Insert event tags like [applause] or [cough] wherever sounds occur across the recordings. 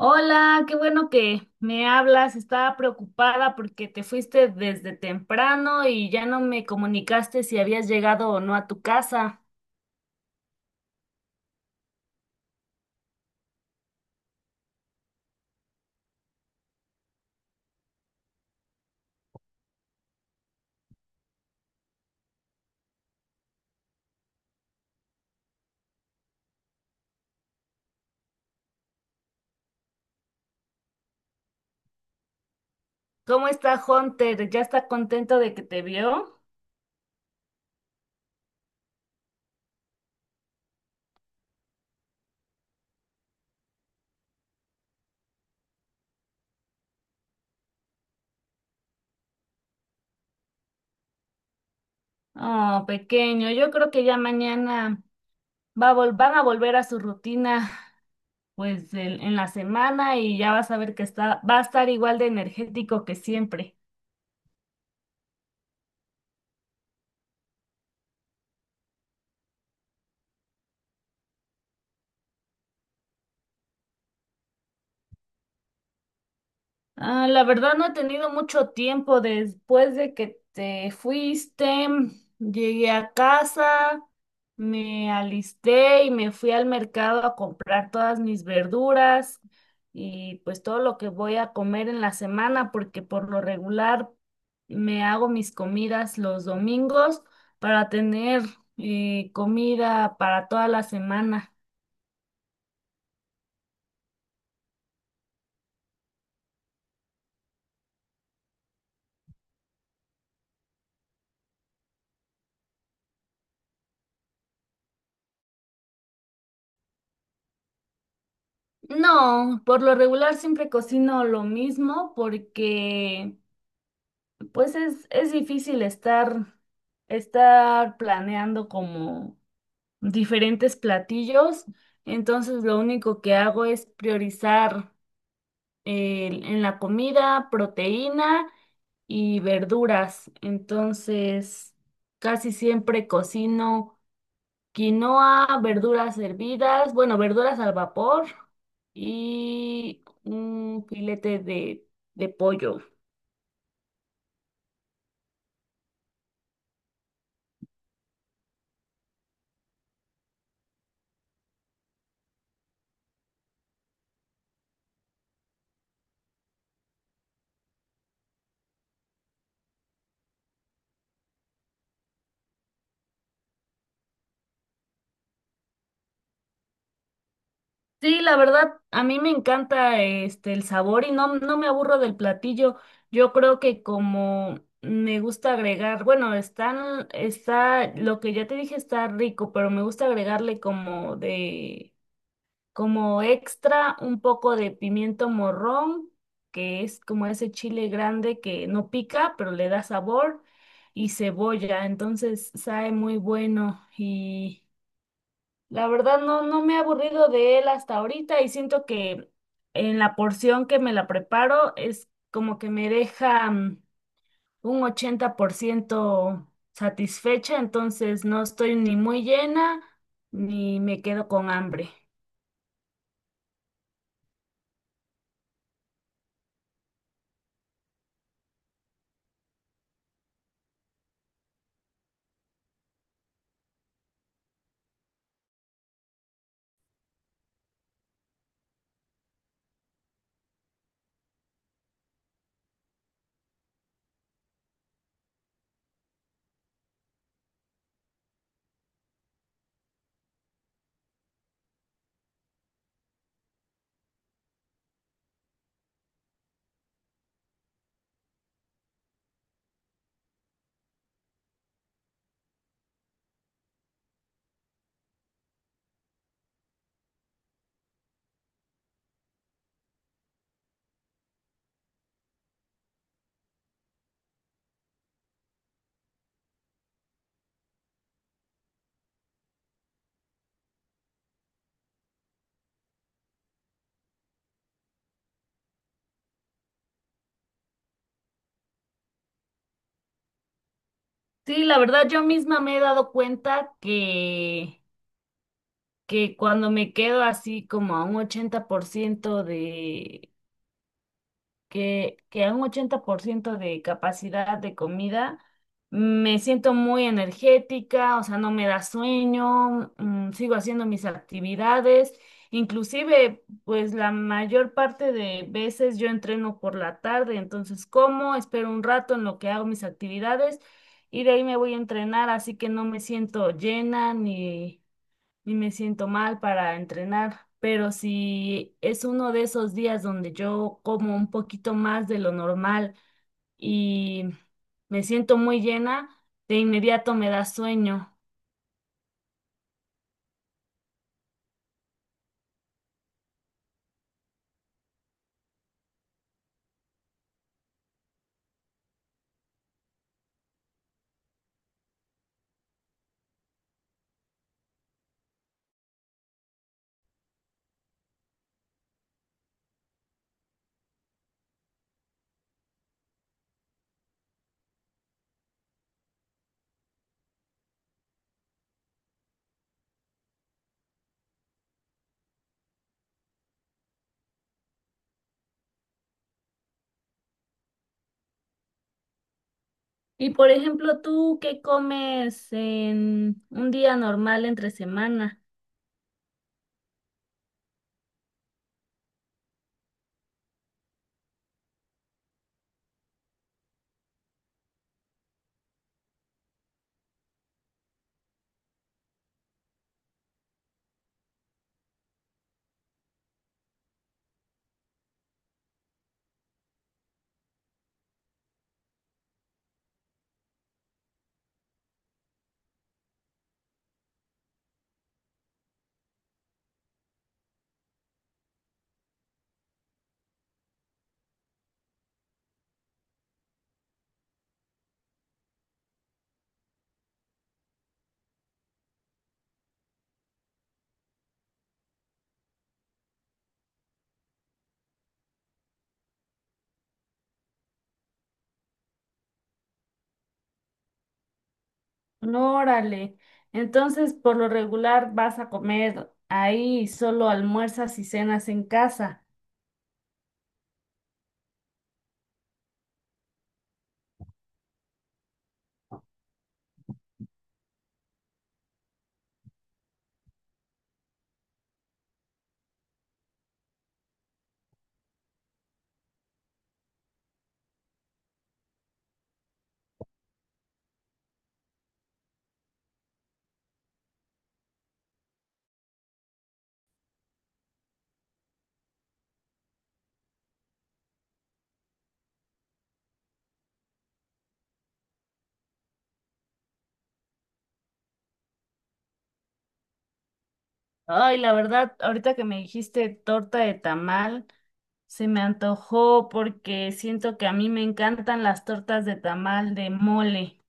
Hola, qué bueno que me hablas. Estaba preocupada porque te fuiste desde temprano y ya no me comunicaste si habías llegado o no a tu casa. ¿Cómo está Hunter? ¿Ya está contento de que te vio? Oh, pequeño, yo creo que ya mañana van a volver a su rutina, pues en la semana y ya vas a ver que va a estar igual de energético que siempre. Ah, la verdad no he tenido mucho tiempo después de que te fuiste. Llegué a casa, me alisté y me fui al mercado a comprar todas mis verduras y pues todo lo que voy a comer en la semana, porque por lo regular me hago mis comidas los domingos para tener comida para toda la semana. No, por lo regular siempre cocino lo mismo porque pues es difícil estar planeando como diferentes platillos, entonces lo único que hago es priorizar en la comida proteína y verduras, entonces casi siempre cocino quinoa, verduras hervidas, bueno, verduras al vapor y un filete de pollo. Sí, la verdad, a mí me encanta este el sabor y no, no me aburro del platillo. Yo creo que como me gusta agregar, bueno, lo que ya te dije está rico, pero me gusta agregarle como como extra un poco de pimiento morrón, que es como ese chile grande que no pica, pero le da sabor, y cebolla, entonces sabe muy bueno y la verdad no, no me he aburrido de él hasta ahorita y siento que en la porción que me la preparo es como que me deja un 80% satisfecha, entonces no estoy ni muy llena ni me quedo con hambre. Sí, la verdad yo misma me he dado que cuando me quedo así como a un 80% que a un 80% de capacidad de comida me siento muy energética, o sea, no me da sueño, mm, sigo haciendo mis actividades, inclusive pues la mayor parte de veces yo entreno por la tarde, entonces como, espero un rato en lo que hago mis actividades y de ahí me voy a entrenar, así que no me siento llena y me siento mal para entrenar, pero si es uno de esos días donde yo como un poquito más de lo normal y me siento muy llena, de inmediato me da sueño. Y por ejemplo, ¿tú qué comes en un día normal entre semana? No, órale. Entonces, por lo regular vas a comer ahí, y solo almuerzas y cenas en casa. Ay, la verdad, ahorita que me dijiste torta de tamal, se me antojó porque siento que a mí me encantan las tortas de tamal de mole.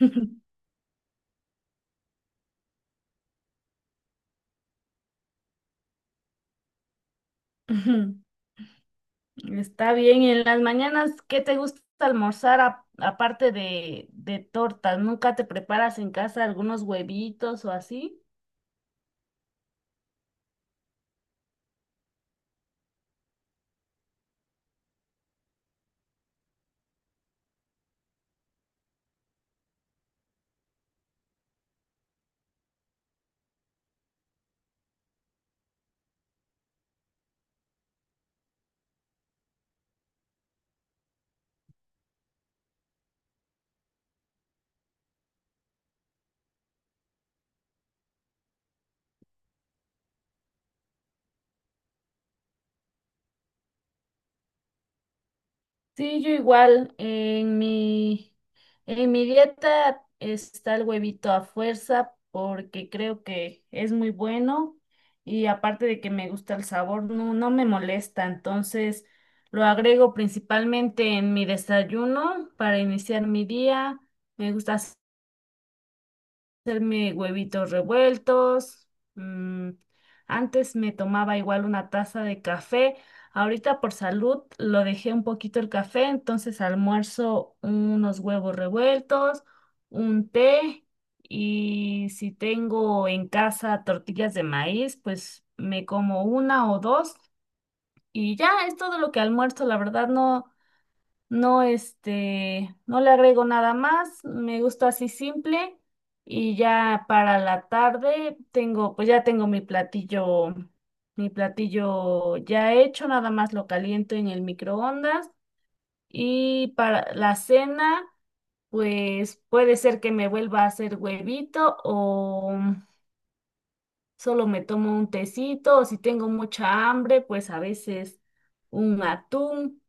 [laughs] Ujú. Está bien, y en las mañanas, ¿qué te gusta almorzar aparte de tortas? ¿Nunca te preparas en casa algunos huevitos o así? Sí, yo igual, en mi dieta está el huevito a fuerza porque creo que es muy bueno y aparte de que me gusta el sabor, no, no me molesta, entonces lo agrego principalmente en mi desayuno para iniciar mi día. Me gusta hacerme huevitos revueltos. mm, Antes me tomaba igual una taza de café. Ahorita por salud lo dejé un poquito el café, entonces almuerzo unos huevos revueltos, un té y si tengo en casa tortillas de maíz, pues me como una o dos y ya es todo lo que almuerzo. La verdad no. No, este, no le agrego nada más, me gusta así simple y ya para la tarde tengo, pues ya tengo mi platillo ya hecho, nada más lo caliento en el microondas y para la cena, pues puede ser que me vuelva a hacer huevito o solo me tomo un tecito o si tengo mucha hambre, pues a veces un atún.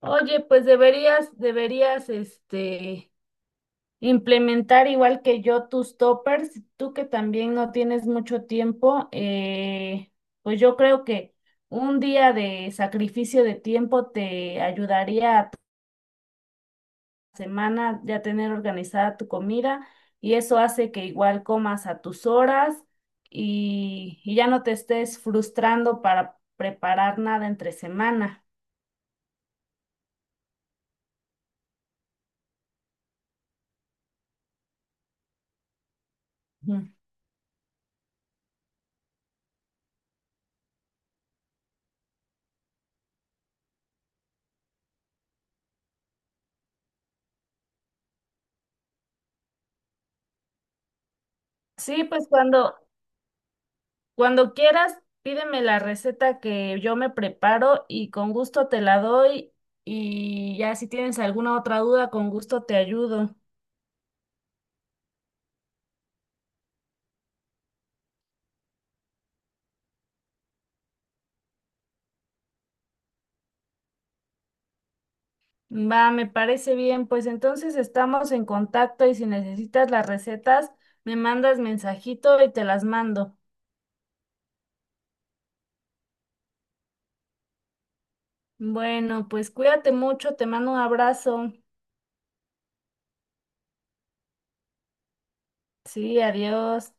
Oye, pues deberías, deberías, este, implementar igual que yo tus toppers, tú que también no tienes mucho tiempo, pues yo creo que un día de sacrificio de tiempo te ayudaría a tu semana ya tener organizada tu comida y eso hace que igual comas a tus horas y ya no te estés frustrando para preparar nada entre semana. Ujú. Sí, cuando quieras, pídeme la receta que yo me preparo y con gusto te la doy. Y ya si tienes alguna otra duda, con gusto te ayudo. Va, me parece bien. Pues entonces estamos en contacto y si necesitas las recetas, me mandas mensajito y te las mando. Bueno, pues cuídate mucho, te mando un abrazo. Sí, adiós.